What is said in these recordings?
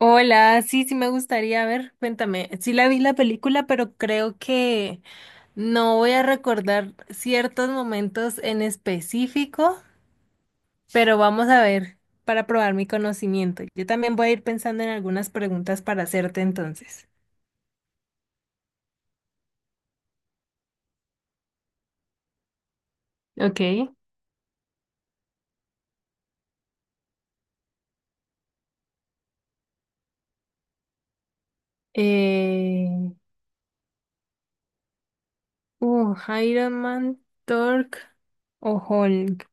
Hola, sí, sí me gustaría, a ver, cuéntame, sí la vi la película, pero creo que no voy a recordar ciertos momentos en específico, pero vamos a ver para probar mi conocimiento. Yo también voy a ir pensando en algunas preguntas para hacerte entonces. Ok. Eh, uh, Iron Man, Thor o Hulk.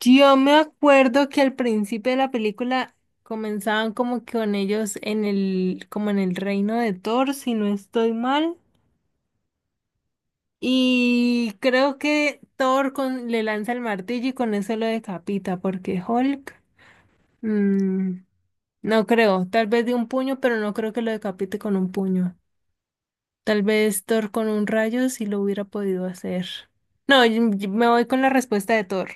Yo me acuerdo que al principio de la película comenzaban como que con ellos en el, como en el reino de Thor, si no estoy mal. Y creo que Thor con, le lanza el martillo y con eso lo decapita, porque Hulk, mm, no creo, tal vez de un puño, pero no creo que lo decapite con un puño. Tal vez Thor con un rayo si lo hubiera podido hacer. No, yo me voy con la respuesta de Thor.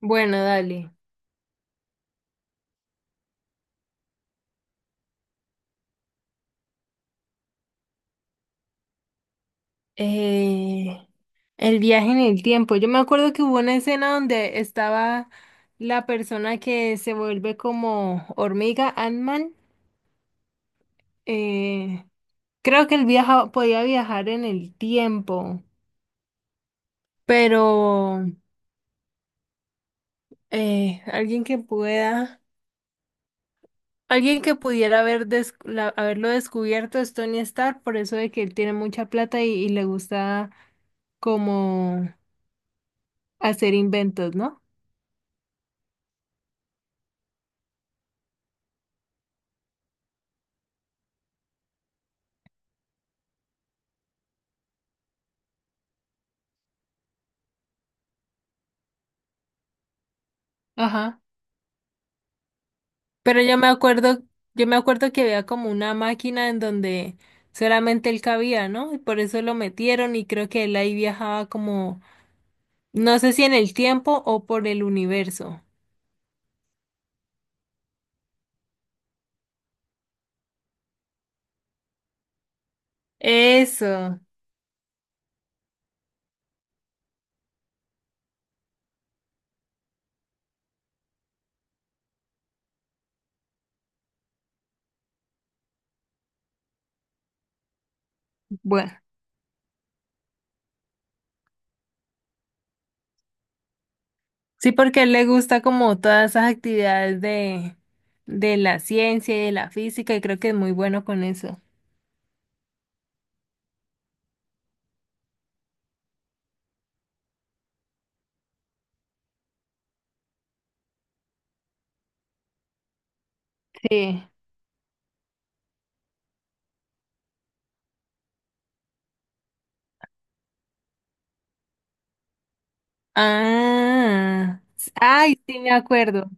Bueno, dale. Eh, el viaje en el tiempo. Yo me acuerdo que hubo una escena donde estaba la persona que se vuelve como hormiga, Ant-Man. Eh, creo que él viaja, podía viajar en el tiempo, pero alguien que pueda, alguien que pudiera haber haberlo descubierto es Tony Stark, por eso de que él tiene mucha plata y le gusta como hacer inventos, ¿no? Ajá. Pero yo me acuerdo que había como una máquina en donde solamente él cabía, ¿no? Y por eso lo metieron y creo que él ahí viajaba como, no sé si en el tiempo o por el universo. Eso. Bueno, sí, porque a él le gusta como todas esas actividades de la ciencia y de la física y creo que es muy bueno con eso. Sí. Ay, sí me acuerdo.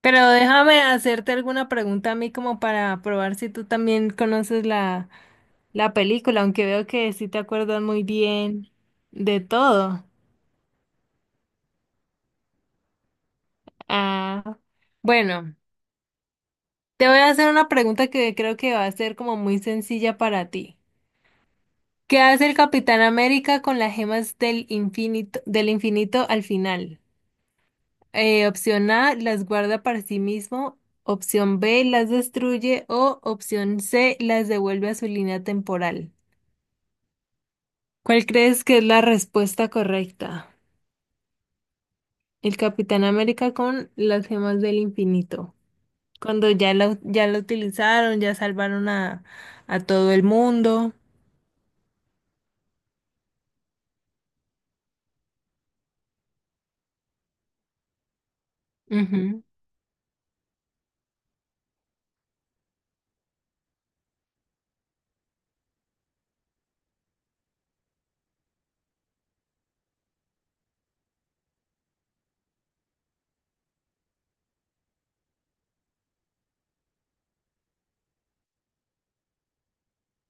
Pero déjame hacerte alguna pregunta a mí como para probar si tú también conoces la, la película, aunque veo que sí te acuerdas muy bien de todo. Ah, bueno, te voy a hacer una pregunta que creo que va a ser como muy sencilla para ti. ¿Qué hace el Capitán América con las gemas del infinito al final? Opción A, las guarda para sí mismo. Opción B, las destruye. O opción C, las devuelve a su línea temporal. ¿Cuál crees que es la respuesta correcta? El Capitán América con las gemas del infinito. Cuando ya lo utilizaron, ya salvaron a todo el mundo. Ujú.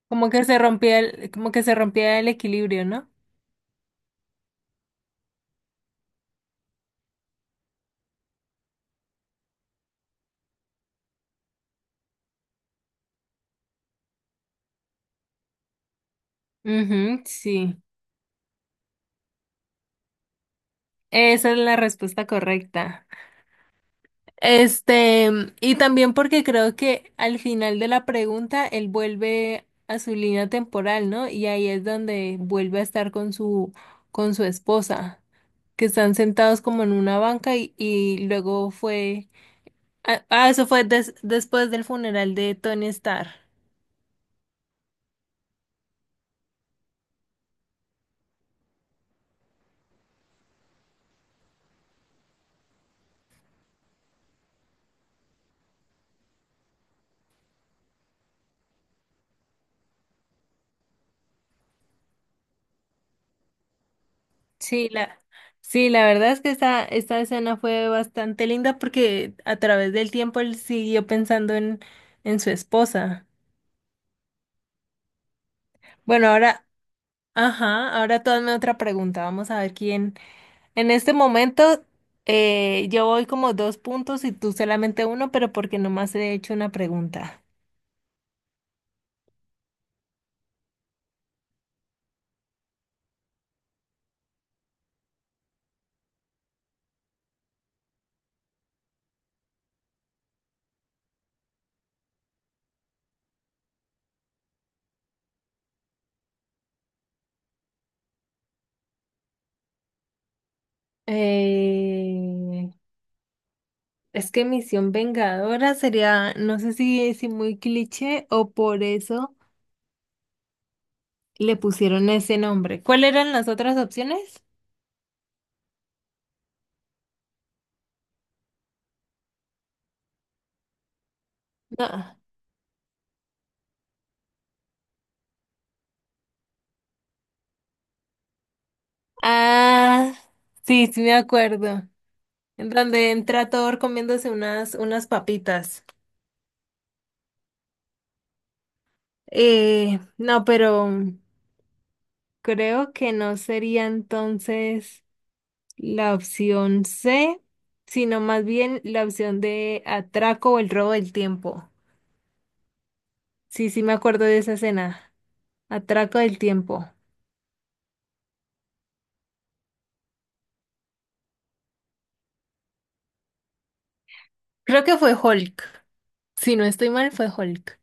Como que se rompía el, como que se rompía el equilibrio, ¿no? Ujú, sí. Esa es la respuesta correcta. Este, y también porque creo que al final de la pregunta él vuelve a su línea temporal, ¿no? Y ahí es donde vuelve a estar con su esposa, que están sentados como en una banca y luego fue, eso fue después del funeral de Tony Stark. Sí, la, sí, la verdad es que esta escena fue bastante linda porque a través del tiempo él siguió pensando en su esposa. Bueno, ahora. Ajá, ahora tú hazme otra pregunta. Vamos a ver quién. En este momento yo voy como dos puntos y tú solamente uno, pero porque nomás he hecho una pregunta. Eh, es que Misión Vengadora sería, no sé si muy cliché o por eso le pusieron ese nombre. ¿Cuáles eran las otras opciones? No. Ah, sí, sí me acuerdo. En donde entra Thor comiéndose unas, unas papitas. Eh, no, pero. Creo que no sería entonces la opción C, sino más bien la opción de atraco o el robo del tiempo. Sí, sí me acuerdo de esa escena. Atraco del tiempo. Creo que fue Hulk. Si no estoy mal, fue Hulk.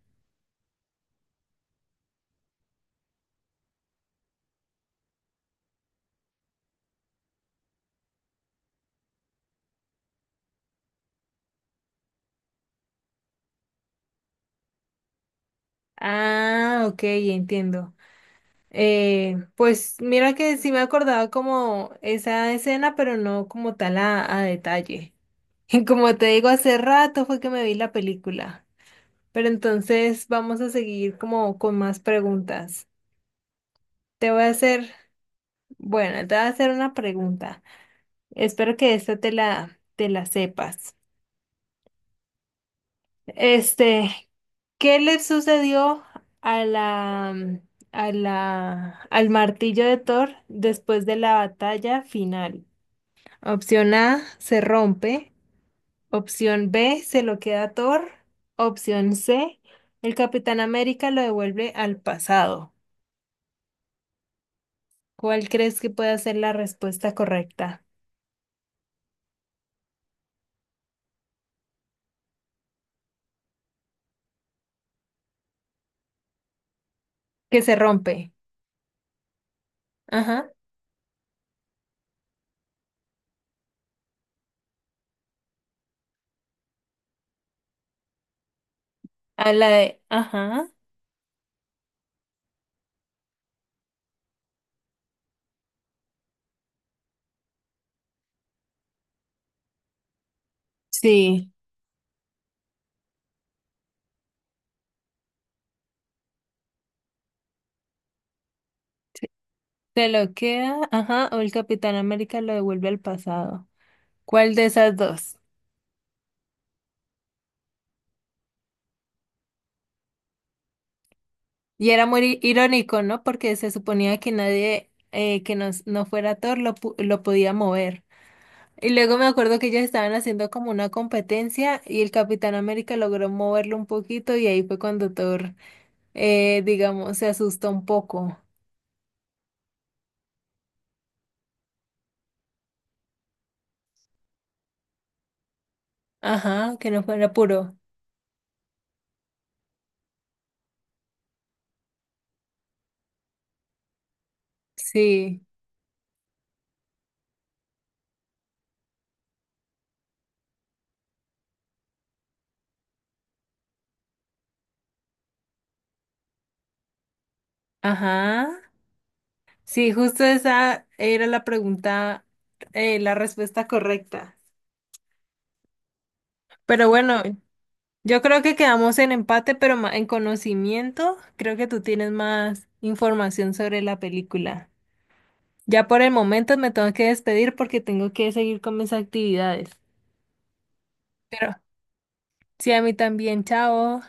Ah, ok, entiendo. Pues mira que sí me acordaba como esa escena, pero no como tal a detalle. Como te digo, hace rato fue que me vi la película. Pero entonces vamos a seguir como con más preguntas. Te voy a hacer, bueno, te voy a hacer una pregunta. Espero que esta te la sepas. Este, ¿qué le sucedió a la, a la, al martillo de Thor después de la batalla final? Opción A, se rompe. Opción B, se lo queda Thor. Opción C, el Capitán América lo devuelve al pasado. ¿Cuál crees que pueda ser la respuesta correcta? Que se rompe. Ajá. A la de, ajá. Sí. Se lo queda, ajá, o el Capitán América lo devuelve al pasado. ¿Cuál de esas dos? Y era muy irónico, ¿no? Porque se suponía que nadie que nos, no fuera Thor lo, lo podía mover. Y luego me acuerdo que ellos estaban haciendo como una competencia y el Capitán América logró moverlo un poquito y ahí fue cuando Thor, digamos, se asustó un poco. Ajá, que no fuera puro. Sí, ajá. Sí, justo esa era la pregunta, la respuesta correcta. Pero bueno, yo creo que quedamos en empate, pero en conocimiento, creo que tú tienes más información sobre la película. Ya por el momento me tengo que despedir porque tengo que seguir con mis actividades. Pero sí, a mí también, chao.